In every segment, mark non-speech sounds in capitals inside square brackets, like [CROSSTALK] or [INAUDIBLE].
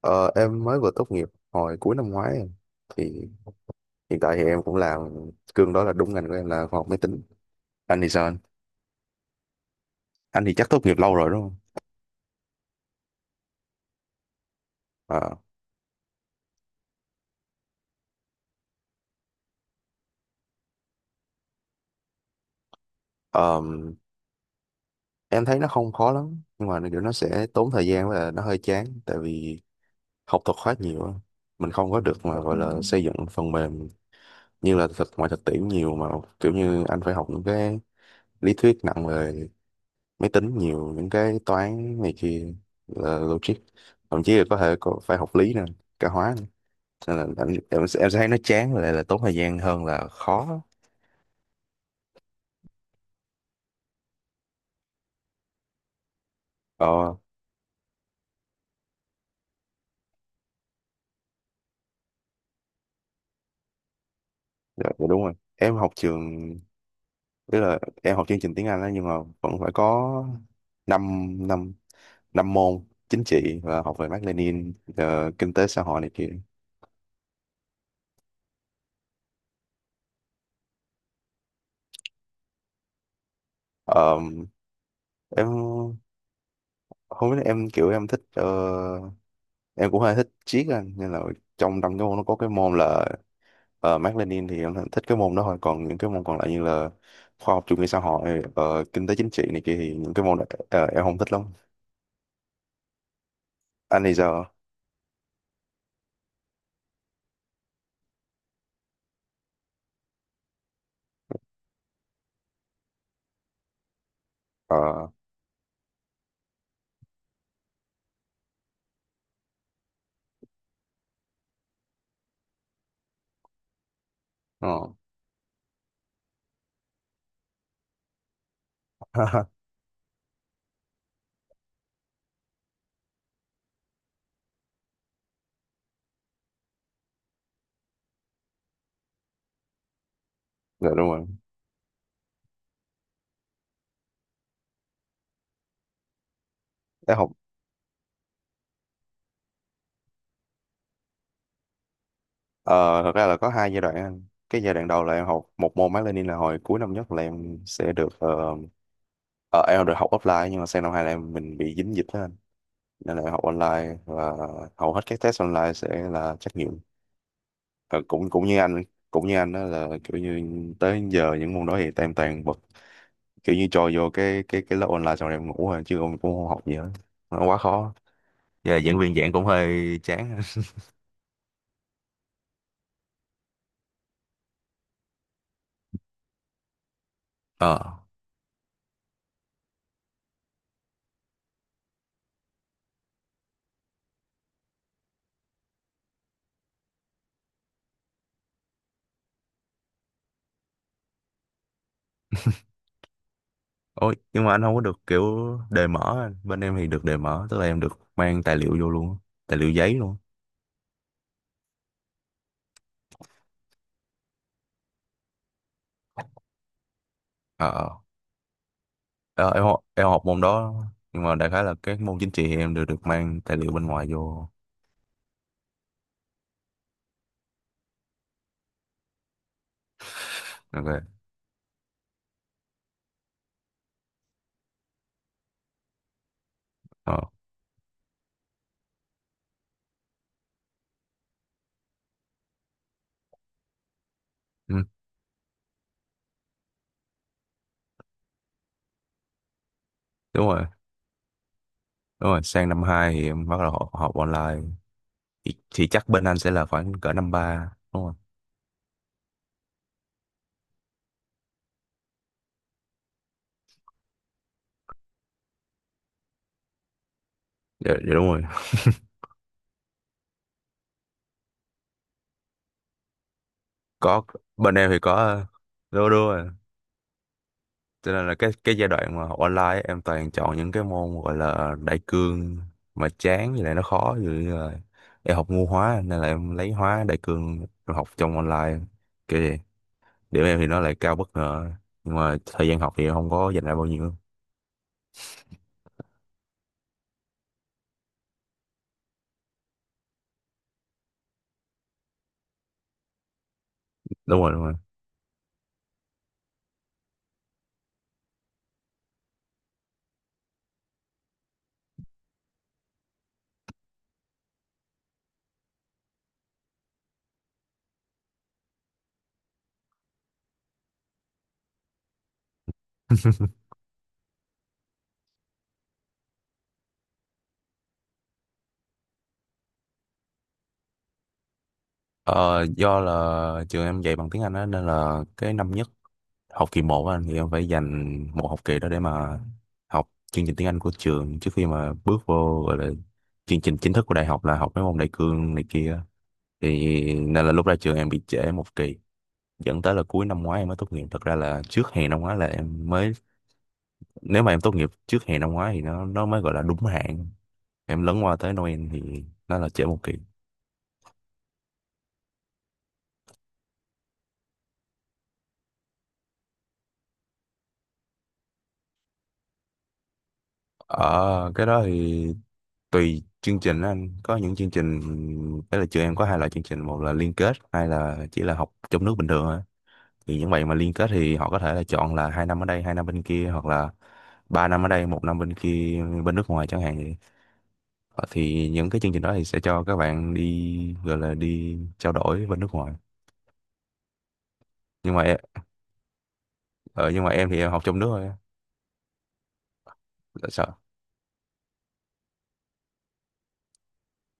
Ờ, em mới vừa tốt nghiệp hồi cuối năm ngoái em. Thì hiện tại thì em cũng làm cương đó là đúng ngành của em là khoa học máy tính. Anh thì sao anh? Anh thì chắc tốt nghiệp lâu rồi đúng không? Ờ, ờm, em thấy nó không khó lắm nhưng mà kiểu nó sẽ tốn thời gian và nó hơi chán tại vì học thuật khá nhiều á. Mình không có được mà gọi là xây dựng phần mềm như là thực ngoài thực tiễn nhiều mà kiểu như anh phải học những cái lý thuyết nặng về máy tính nhiều những cái toán này kia là logic, thậm chí là có thể có phải học lý nữa, cả hóa nữa. Nên là em sẽ thấy nó chán và lại là tốn thời gian hơn là khó. Ờ, dạ đúng rồi, em học trường, tức là em học chương trình tiếng Anh đó nhưng mà vẫn phải có năm năm năm môn chính trị và học về Mác Lênin, kinh tế xã hội này kia. Ờ, em không biết, em kiểu em thích, em cũng hơi thích triết á, nên là trong trong cái môn nó có cái môn là, ờ, Mác Lênin thì em thích cái môn đó thôi, còn những cái môn còn lại như là khoa học chủ nghĩa xã hội, kinh tế chính trị này kia thì những cái môn đó, ờ, em không thích lắm. Anh thì giờ ờ ờ. [LAUGHS] Dạ đúng rồi em học, ờ, thật ra là có hai giai đoạn anh. Cái giai đoạn đầu là em học một môn Mác Lênin là hồi cuối năm nhất là em sẽ được ờ, em được học offline, nhưng mà sang năm hai là em mình bị dính dịch đó anh, nên là em học online và hầu hết các test online sẽ là trắc nghiệm. Ờ, cũng cũng như anh đó là kiểu như tới giờ những môn đó thì tụi em toàn bật, kiểu như trôi vô cái lớp online xong rồi em ngủ rồi chứ em cũng không học gì hết, nó quá khó, giờ giảng viên giảng cũng hơi chán. [LAUGHS] Ờ, ôi nhưng mà anh không có được kiểu đề mở anh. Bên em thì được đề mở, tức là em được mang tài liệu vô luôn, tài liệu giấy luôn. Ờ ờ. Ờ, em học, em học môn đó, nhưng mà đại khái là các môn chính trị thì em đều được mang tài liệu bên ngoài vô. Ok. Ờ, ừ, đúng rồi. Đúng rồi, sang năm 2 thì em bắt đầu học, học online, thì chắc bên anh sẽ là khoảng cỡ năm 3 đúng không? Dạ, dạ đúng rồi. Có, bên em thì có, đúng đúng rồi. Cho nên là cái giai đoạn mà học online ấy, em toàn chọn những cái môn gọi là đại cương mà chán với lại nó khó, ví dụ như là em học ngu hóa nên là em lấy hóa đại cương rồi học trong online kiểu vậy. Điểm em thì nó lại cao bất ngờ nhưng mà thời gian học thì em không có dành ra bao nhiêu. Đúng rồi đúng rồi. Ờ, do là trường em dạy bằng tiếng Anh á nên là cái năm nhất học kỳ 1 anh, thì em phải dành một học kỳ đó để mà học chương trình tiếng Anh của trường trước khi mà bước vô gọi là chương trình chính thức của đại học là học mấy môn đại cương này kia. Thì nên là lúc ra trường em bị trễ một kỳ, dẫn tới là cuối năm ngoái em mới tốt nghiệp, thật ra là trước hè năm ngoái là em mới, nếu mà em tốt nghiệp trước hè năm ngoái thì nó mới gọi là đúng hạn, em lấn qua tới Noel thì nó là trễ một kỳ. Ở cái đó thì tùy chương trình á anh, có những chương trình, đấy là trường em có hai loại chương trình, một là liên kết, hai là chỉ là học trong nước bình thường thôi. Thì những bạn mà liên kết thì họ có thể là chọn là hai năm ở đây hai năm bên kia, hoặc là ba năm ở đây một năm bên kia bên nước ngoài chẳng hạn vậy. Ờ, thì những cái chương trình đó thì sẽ cho các bạn đi gọi là đi trao đổi bên nước ngoài. nhưng mà em, ờ, nhưng mà em thì em học trong nước thôi á. Là sao.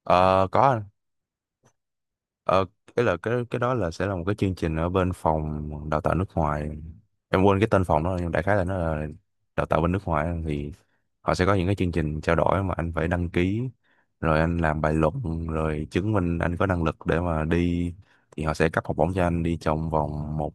Ờ, có. Ờ, cái đó là sẽ là một cái chương trình ở bên phòng đào tạo nước ngoài. Em quên cái tên phòng đó nhưng đại khái là nó là đào tạo bên nước ngoài á. Thì họ sẽ có những cái chương trình trao đổi mà anh phải đăng ký rồi anh làm bài luận rồi chứng minh anh có năng lực để mà đi, thì họ sẽ cấp học bổng cho anh đi trong vòng một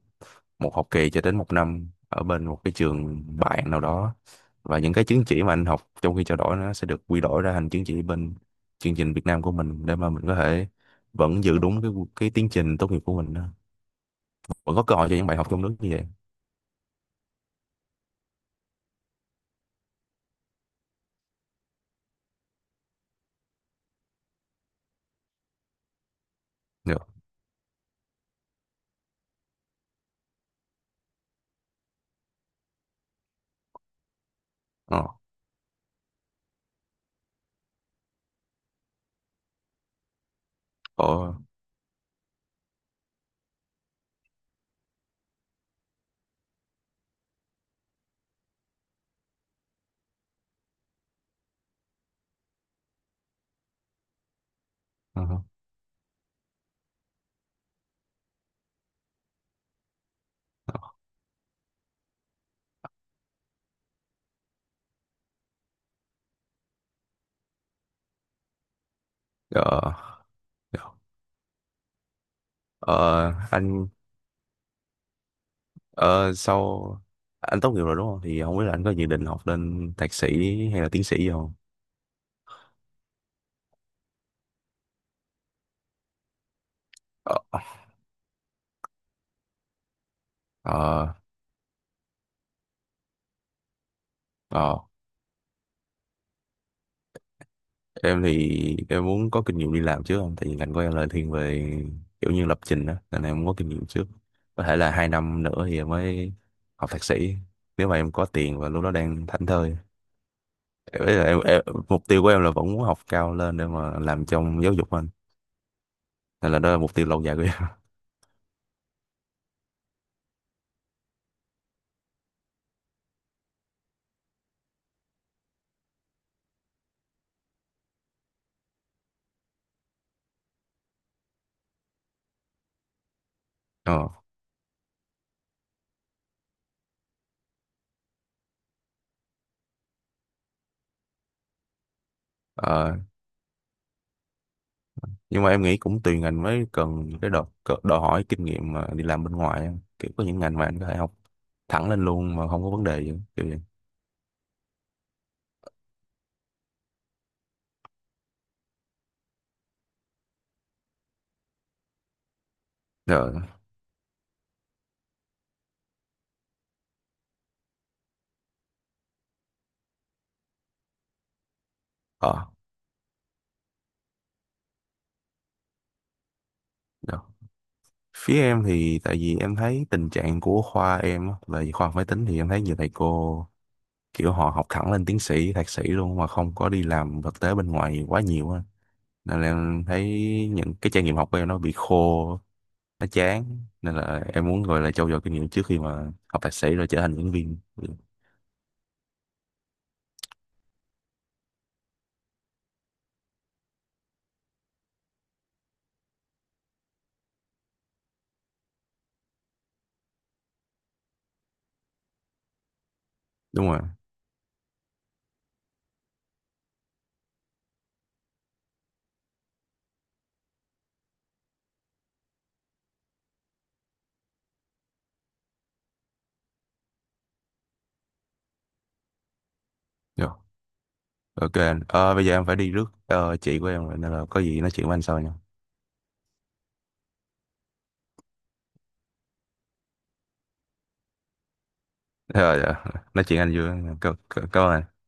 một học kỳ cho đến một năm ở bên một cái trường bạn nào đó, và những cái chứng chỉ mà anh học trong khi trao đổi nó sẽ được quy đổi ra thành chứng chỉ bên chương trình Việt Nam của mình để mà mình có thể vẫn giữ đúng cái tiến trình tốt nghiệp của mình đó. Vẫn có cơ hội cho những bài học trong nước như vậy. Được. ờ ờ ờ ờ, ờ, ờ, anh, ờ, sau anh tốt nghiệp rồi đúng không, thì không biết là anh có dự định học lên thạc sĩ hay là tiến sĩ gì không. ờ ờ ờ. Em thì em muốn có kinh nghiệm đi làm trước, không tại vì ngành của em là thiên về kiểu như lập trình đó nên em muốn có kinh nghiệm trước, có thể là hai năm nữa thì em mới học thạc sĩ, nếu mà em có tiền và lúc đó đang thảnh thơi. Đấy là em, mục tiêu của em là vẫn muốn học cao lên để mà làm trong giáo dục anh, nên là đó là mục tiêu lâu dài của em. [LAUGHS] Ờ, ờ, nhưng mà em nghĩ cũng tùy ngành mới cần cái đòi hỏi kinh nghiệm mà đi làm bên ngoài á. Kiểu có những ngành mà anh có thể học thẳng lên luôn mà không có vấn đề gì kiểu vậy. Rồi. Ờ. Rồi. Phía em thì tại vì em thấy tình trạng của khoa em á, là khoa học máy tính thì em thấy nhiều thầy cô kiểu họ học thẳng lên tiến sĩ thạc sĩ luôn mà không có đi làm thực tế bên ngoài quá nhiều á, nên là em thấy những cái trải nghiệm học của em nó bị khô, nó chán, nên là em muốn gọi là trau dồi kinh nghiệm trước khi mà học thạc sĩ rồi trở thành giảng viên. Ừ, đúng rồi. Dạ. Ok anh. Ờ, bây giờ em phải đi rước chị của em rồi nên là có gì nói chuyện với anh sau nha. Rồi dạ. Nói chuyện anh vui. Cảm cảm- Cảm ơn anh.